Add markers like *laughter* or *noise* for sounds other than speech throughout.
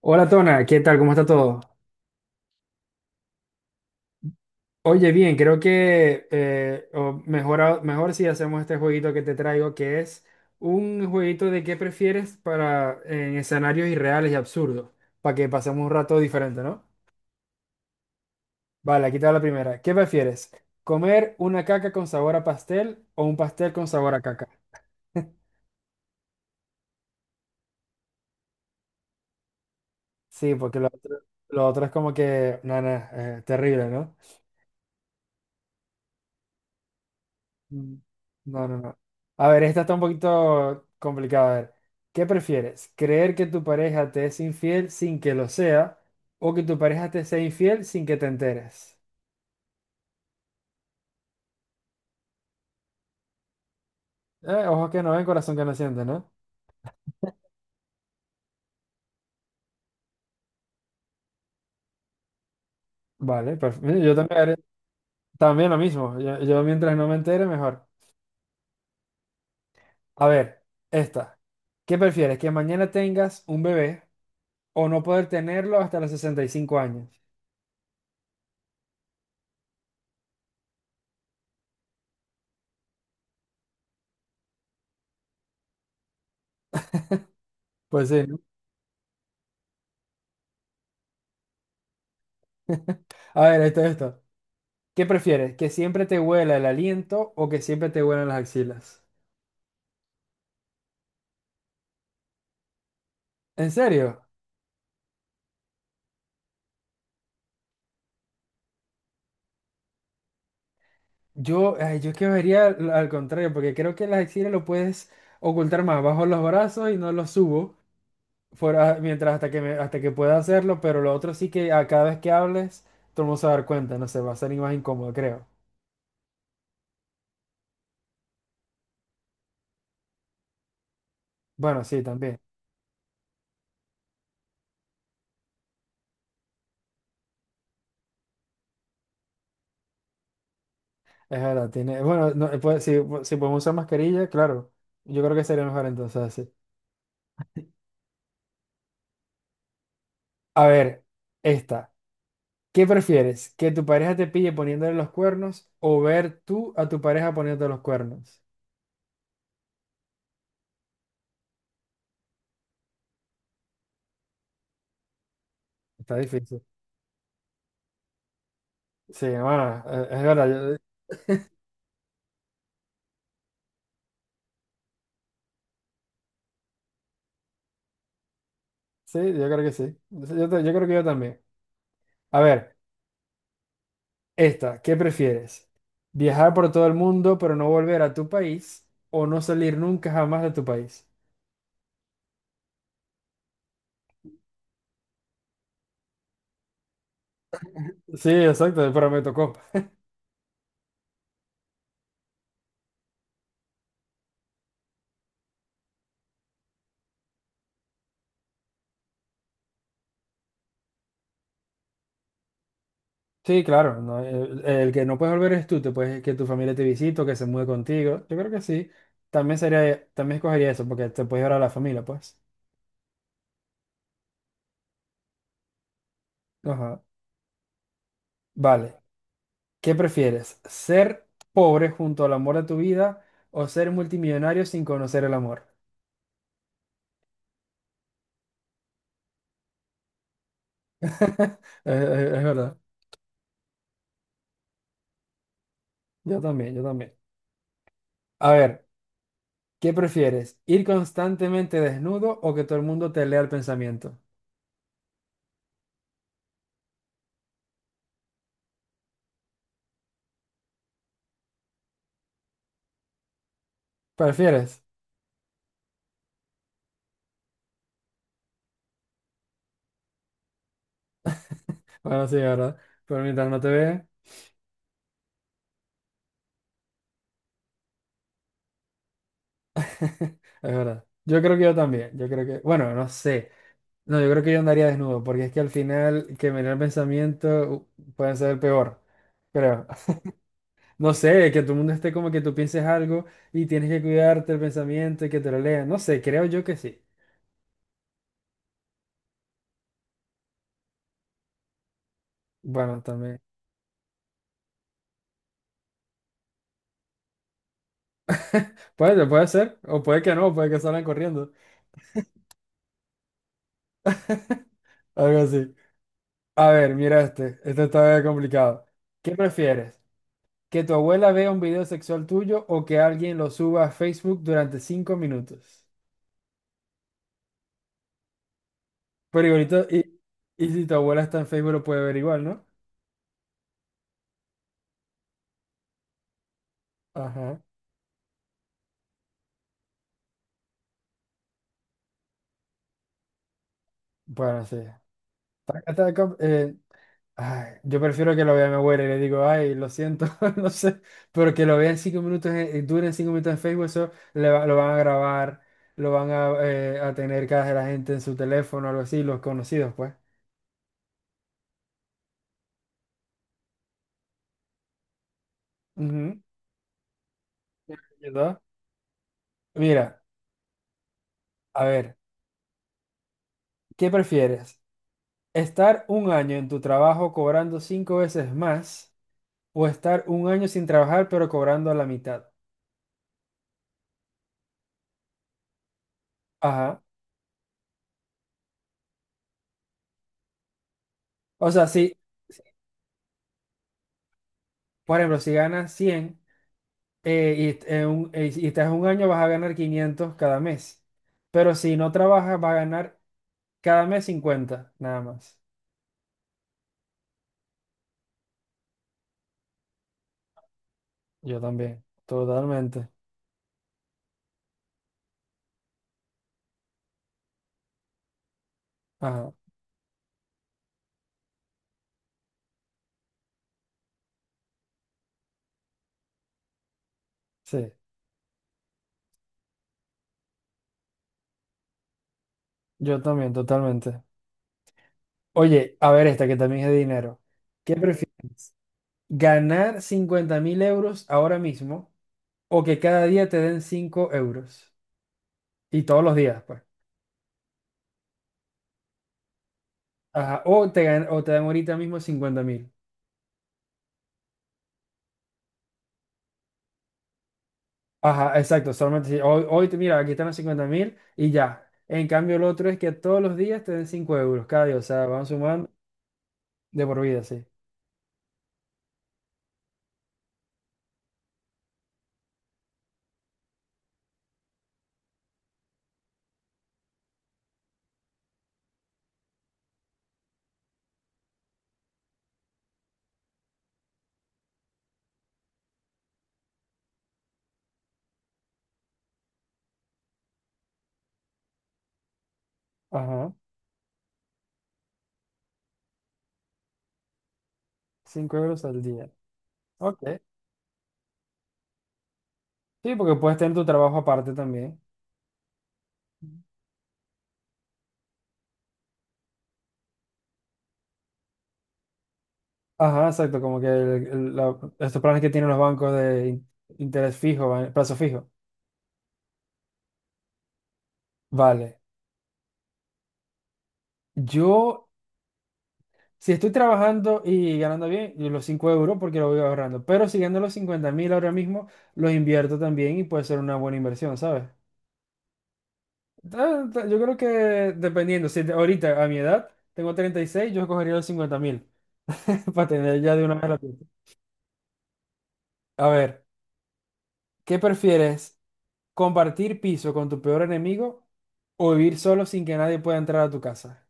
Hola Tona, ¿qué tal? ¿Cómo está todo? Oye, bien, creo que o mejor, mejor si hacemos este jueguito que te traigo, que es un jueguito de qué prefieres para en escenarios irreales y absurdos, para que pasemos un rato diferente, ¿no? Vale, aquí te va la primera. ¿Qué prefieres? ¿Comer una caca con sabor a pastel o un pastel con sabor a caca? *laughs* Sí, porque lo otro es como que, nada, terrible, ¿no? Mm, no, no, no. A ver, esta está un poquito complicada. A ver, ¿qué prefieres? ¿Creer que tu pareja te es infiel sin que lo sea o que tu pareja te sea infiel sin que te enteres? Ojos que no ven, corazón que no siente, ¿no? Vale, perfecto. Yo también, también lo mismo. Yo mientras no me entere, mejor. A ver, esta. ¿Qué prefieres? ¿Que mañana tengas un bebé o no poder tenerlo hasta los 65 años? Pues sí, ¿no? A ver, esto, esto. ¿Qué prefieres? ¿Que siempre te huela el aliento o que siempre te huelan las axilas? ¿En serio? Yo, ay, yo es que vería al contrario, porque creo que las axilas lo puedes ocultar más. Bajo los brazos y no los subo, fuera, mientras hasta que pueda hacerlo, pero lo otro sí que a cada vez que hables, todo el mundo se va a dar cuenta, no sé, va a ser más incómodo, creo. Bueno, sí, también. Es verdad, tiene. Bueno, no, pues, si podemos usar mascarilla, claro. Yo creo que sería mejor entonces así. A ver, esta. ¿Qué prefieres? ¿Que tu pareja te pille poniéndole los cuernos o ver tú a tu pareja poniéndote los cuernos? Está difícil. Sí, bueno, es verdad. Sí, yo creo que sí. Yo creo que yo también. A ver, esta, ¿qué prefieres? ¿Viajar por todo el mundo pero no volver a tu país o no salir nunca jamás de tu país? Sí, exacto, pero me tocó. Sí, claro, no, el que no puedes volver es tú, te puedes que tu familia te visite o que se mude contigo. Yo creo que sí. También sería, también escogería eso porque te puedes ver a la familia, pues. Ajá. Vale. ¿Qué prefieres? ¿Ser pobre junto al amor de tu vida o ser multimillonario sin conocer el amor? *laughs* Es verdad. Yo también, yo también. A ver, ¿qué prefieres? ¿Ir constantemente desnudo o que todo el mundo te lea el pensamiento? ¿Prefieres? Bueno, sí, es ¿verdad? Pero mientras no te vean, es verdad. Yo creo que yo también. Yo creo que, bueno, no sé. No, yo creo que yo andaría desnudo porque es que al final que me lea el pensamiento puede ser el peor, creo. No sé, que todo el mundo esté como que tú pienses algo y tienes que cuidarte el pensamiento y que te lo lean. No sé, creo yo que sí. Bueno, también. Puede ser, o puede que no, puede que salgan corriendo. Algo así. A ver, mira este. Este está complicado. ¿Qué prefieres? ¿Que tu abuela vea un video sexual tuyo o que alguien lo suba a Facebook durante 5 minutos? Pero igualito, y si tu abuela está en Facebook lo puede ver igual, ¿no? Ajá. Bueno, sí. Está, com- eh, Ay, yo prefiero que lo vea mi abuela y le digo, ay, lo siento, *laughs* no sé, pero que lo vean 5 minutos, duren 5 minutos en Facebook, eso lo van a grabar, lo van a tener cada de la gente en su teléfono, algo así, los conocidos, pues. Ujú, ¿verdad? Mira, a ver, ¿qué prefieres? ¿Estar un año en tu trabajo cobrando cinco veces más o estar un año sin trabajar pero cobrando la mitad? Ajá. O sea, si, por ejemplo, si ganas 100. Y estás un año, vas a ganar 500 cada mes. Pero si no trabajas, vas a ganar cada mes 50 nada más. Yo también, totalmente. Ajá, sí, yo también, totalmente. Oye, a ver esta que también es de dinero. ¿Qué prefieres? ¿Ganar 50.000 € ahora mismo o que cada día te den 5 euros? Y todos los días, pues. Ajá, o te dan ahorita mismo 50.000. Ajá, exacto, solamente si hoy te mira, aquí están los 50.000 y ya. En cambio, el otro es que todos los días te den 5 € cada día, o sea, van sumando de por vida, sí. Ajá, 5 € al día. Ok. Sí, porque puedes tener tu trabajo aparte también. Ajá, exacto, como que estos planes que tienen los bancos de interés fijo, plazo fijo. Vale, yo, si estoy trabajando y ganando bien, yo los 5 € porque lo voy ahorrando, pero si gano los 50.000 ahora mismo, los invierto también y puede ser una buena inversión, ¿sabes? Yo creo que dependiendo, si te- ahorita a mi edad tengo 36 yo escogería los 50.000 *laughs* para tener ya de una vez la plata. A ver, ¿qué prefieres? ¿Compartir piso con tu peor enemigo o vivir solo sin que nadie pueda entrar a tu casa?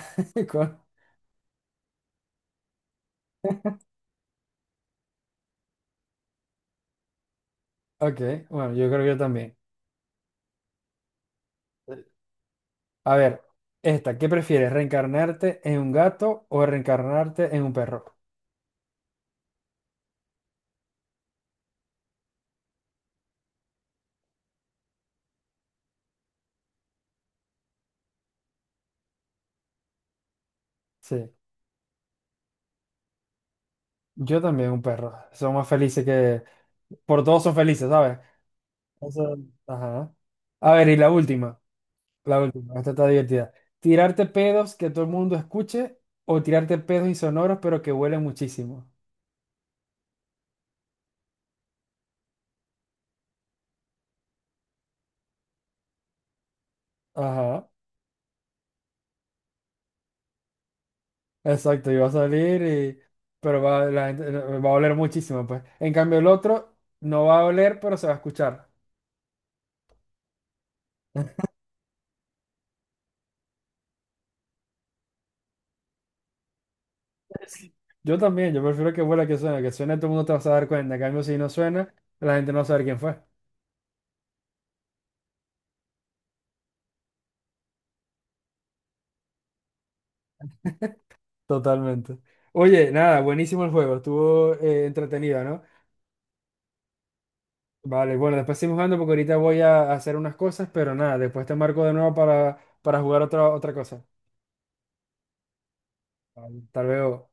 *laughs* Con- Ok, bueno, yo creo que yo también. A ver, esta, ¿qué prefieres? ¿Reencarnarte en un gato o reencarnarte en un perro? Sí, yo también un perro. Son más felices que... Por todos son felices, ¿sabes? O sea, ajá. A ver, y la última, esta está divertida. Tirarte pedos que todo el mundo escuche o tirarte pedos insonoros pero que huelen muchísimo. Ajá, exacto, y va a salir y... pero va a oler muchísimo, pues. En cambio el otro no va a oler pero se va a escuchar. Sí. Yo también, yo prefiero que huela que suene, todo el mundo te vas a dar cuenta. En cambio si no suena, la gente no va a saber quién fue. Totalmente. Oye, nada, buenísimo el juego, estuvo entretenido, ¿no? Vale, bueno, después seguimos jugando porque ahorita voy a hacer unas cosas, pero nada, después te marco de nuevo para, jugar otra cosa. Vale, hasta luego.